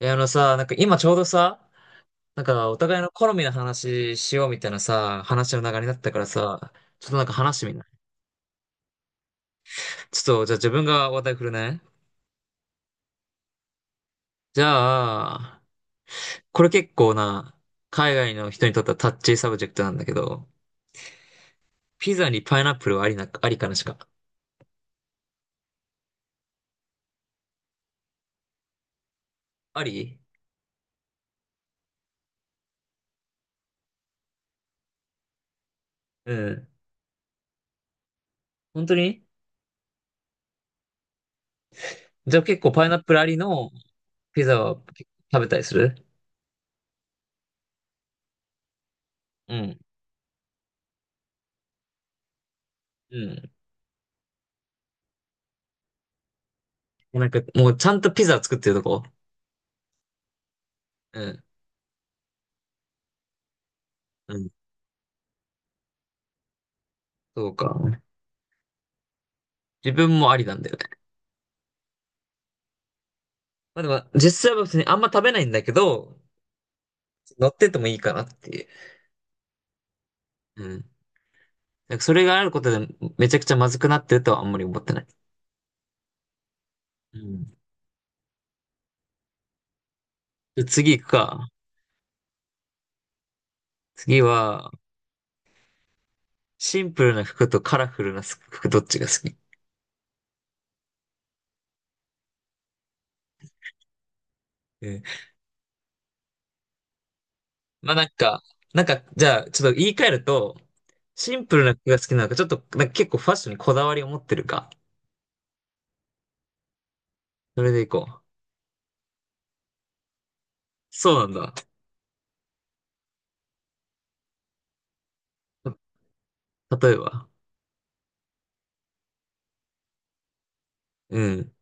あのさ、なんか今ちょうどさ、なんかお互いの好みの話しようみたいなさ、話の流れになったからさ、ちょっとなんか話してみない？ちょっと、じゃあ自分が話題振るね。じゃあ、これ結構な、海外の人にとってはタッチーサブジェクトなんだけど、ピザにパイナップルはありな、ありかなしか。あり。うん。本当に？じゃあ結構パイナップルありのピザは結構食べたりする？うん。うん。なんかもうちゃんとピザ作ってるとこ？うん。うん。そうか。自分もありなんだよね。まあでも、実際は別にあんま食べないんだけど、乗っててもいいかなっていう。うん。なんかそれがあることでめちゃくちゃまずくなってるとはあんまり思ってない。うん。で次行くか。次は、シンプルな服とカラフルな服どっちが好き？うん。まあなんか、じゃあちょっと言い換えると、シンプルな服が好きなのか、ちょっとなんか結構ファッションにこだわりを持ってるか。それで行こう。そうなんだ。例えば。うん。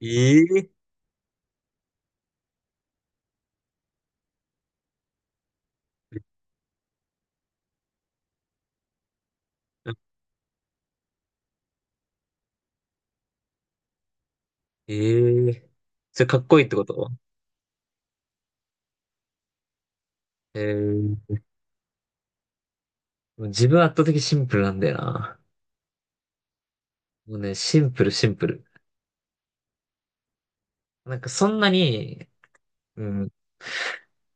ええええ。それかっこいいってこと？えー、自分圧倒的シンプルなんだよな。もうね、シンプルシンプル。なんかそんなに、うん、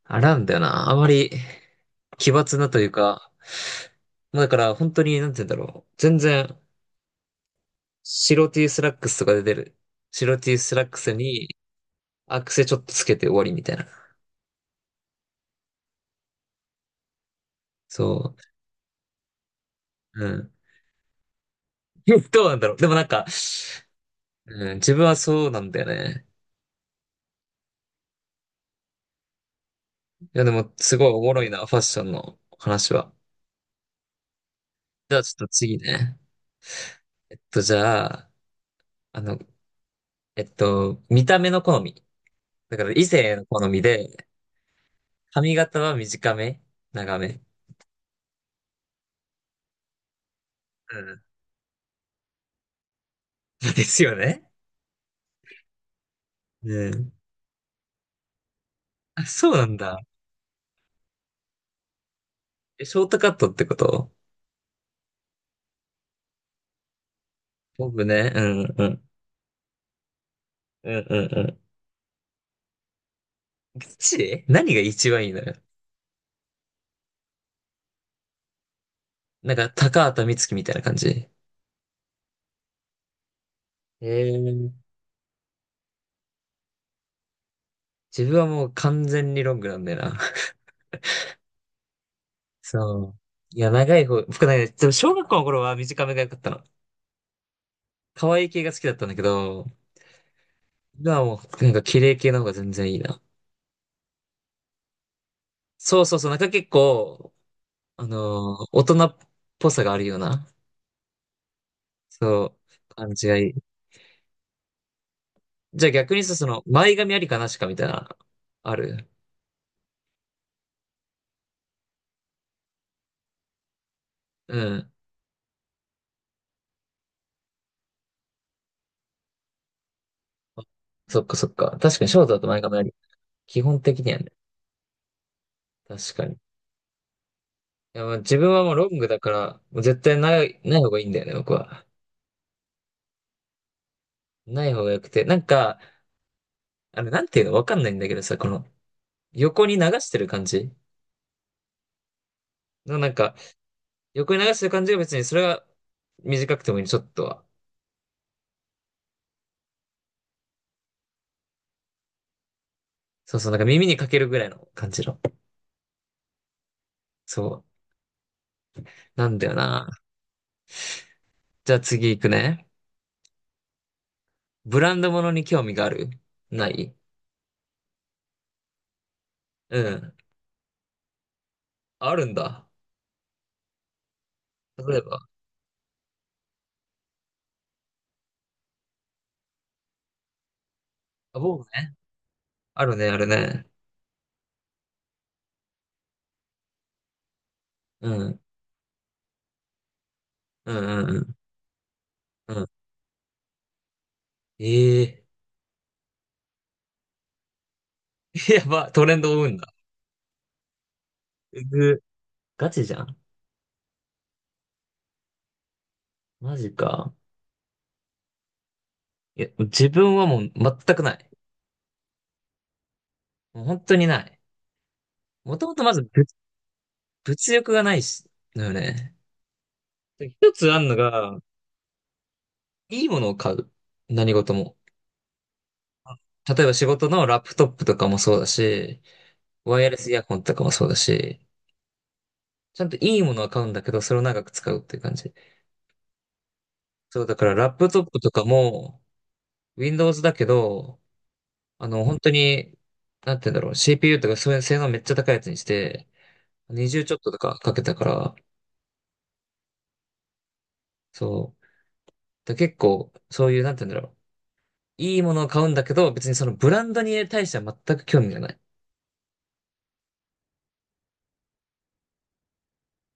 あらんだよな。あまり奇抜なというか、まあだから本当に、なんて言うんだろう。全然、白 T スラックスとかで出る。白 T スラックスにアクセちょっとつけて終わりみたいな。そう。うん。どうなんだろう。でもなんか、うん、自分はそうなんだよね。いやでも、すごいおもろいな、ファッションの話は。じゃあちょっと次ね。じゃあ、あの、見た目の好み。だから異性の好みで、髪型は短め？長め？うん。ですよね？うん。あ、そうなんだ。え、ショートカットってこと？僕ね、うんうん。うんうんうん。ガチで何が一番いいのよ。なんか、高畑充希みたいな感じ。えー、自分はもう完全にロングなんだよな。そう。いや、長い方、僕ね、でも小学校の頃は短めが良かったの。可愛い系が好きだったんだけど、がもう、なんか綺麗系の方が全然いいな。そうそうそう、なんか結構、大人っぽさがあるような、そう、感じがいい。じゃあ逆にさ、その、前髪ありかなしかみたいな、ある？うん。そっかそっか。確かにショートだと前髪あり。基本的にはね。確かに。いや、まあ自分はもうロングだから、もう絶対ない、ない方がいいんだよね、僕は。ない方が良くて。なんか、なんていうのわかんないんだけどさ、この、横に流してる感じのなんか、横に流してる感じが別にそれは短くてもいいちょっとは。そうそう、なんか耳にかけるぐらいの感じの。そう。なんだよな。じゃあ次行くね。ブランド物に興味がある？ない？うん。あるんだ。例えば。あ、僕ね。あるね、あるね。うん。うんうんうん。うん。ええー。 やば、トレンドを追うんだ。うぐ。ガチじゃん。マジか。いや、自分はもう全くない。もう本当にない。もともとまず物欲がないし、だよね。で一つあんのが、いいものを買う。何事も。あ、例えば仕事のラップトップとかもそうだし、ワイヤレスイヤホンとかもそうだし、ちゃんといいものは買うんだけど、それを長く使うっていう感じ。そう、だからラップトップとかも、Windows だけど、本当に、なんて言うんだろう、CPU とかそういう性能めっちゃ高いやつにして、20ちょっととかかけたから、そう。だ結構、そういう、なんて言うんだろう。いいものを買うんだけど、別にそのブランドに対しては全く興味がない。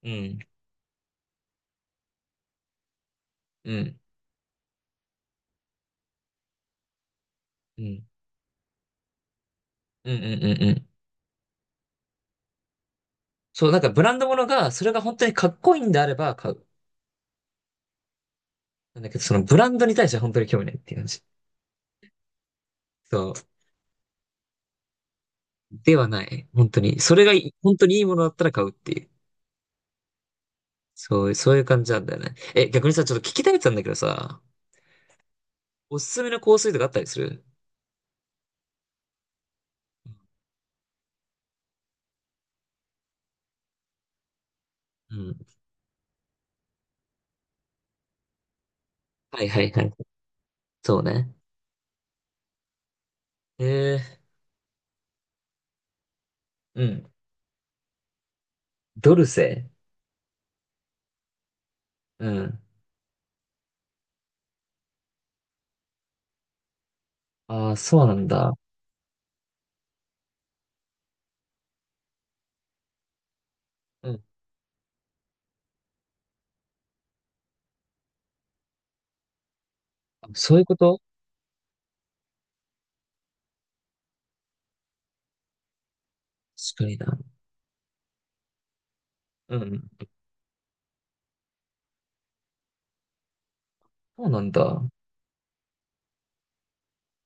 うん。うん。うん。うんうんうんうん。そう、なんかブランドものが、それが本当にかっこいいんであれば買う。なんだけど、そのブランドに対しては本当に興味ないっていう感じ。そう。ではない。本当に。それがいい、本当にいいものだったら買うっていう。そう、そういう感じなんだよね。え、逆にさ、ちょっと聞きたいってたんだけどさ、おすすめの香水とかあったりする？うん。はいはいはい。そうね。えー、うん。ドルセ。うん。ああ、そうなんだ。うん。あ、そういうこと？確かにな。うん。そうなんだ。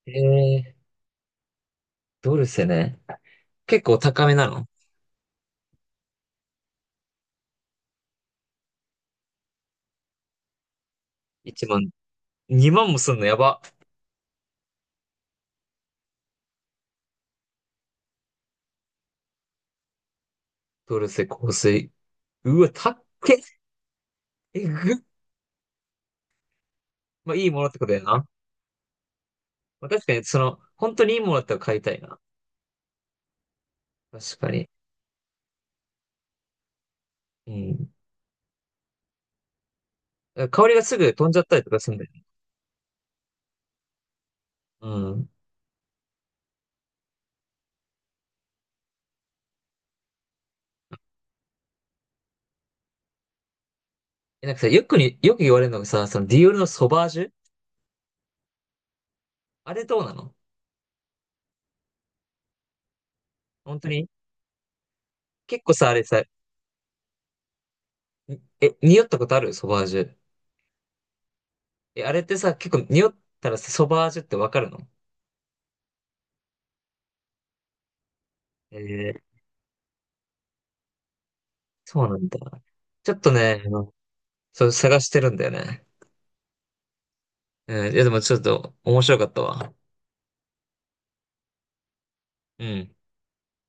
えー、ドルセね。結構高めなの？ 1万？2万もすんの、やば。トルセ香水。うわ、たっけ。えぐっ。まあ、いいものってことやな。まあ、確かに、その、本当にいいものだったら買いたいな。確かに。うん。香りがすぐ飛んじゃったりとかするんだよね。うん。え、なんかさ、よく言われるのがさ、そのディオールのソバージュ、あれどうなの？本当に？結構さ、あれさ、にえ、匂ったことあるソバージュ。え、あれってさ、結構匂ったらさソバージュってわかるの？えー、そうなんだ。ちょっとね、そう、探してるんだよね。うん。いや、でもちょっと面白かったわ。うん。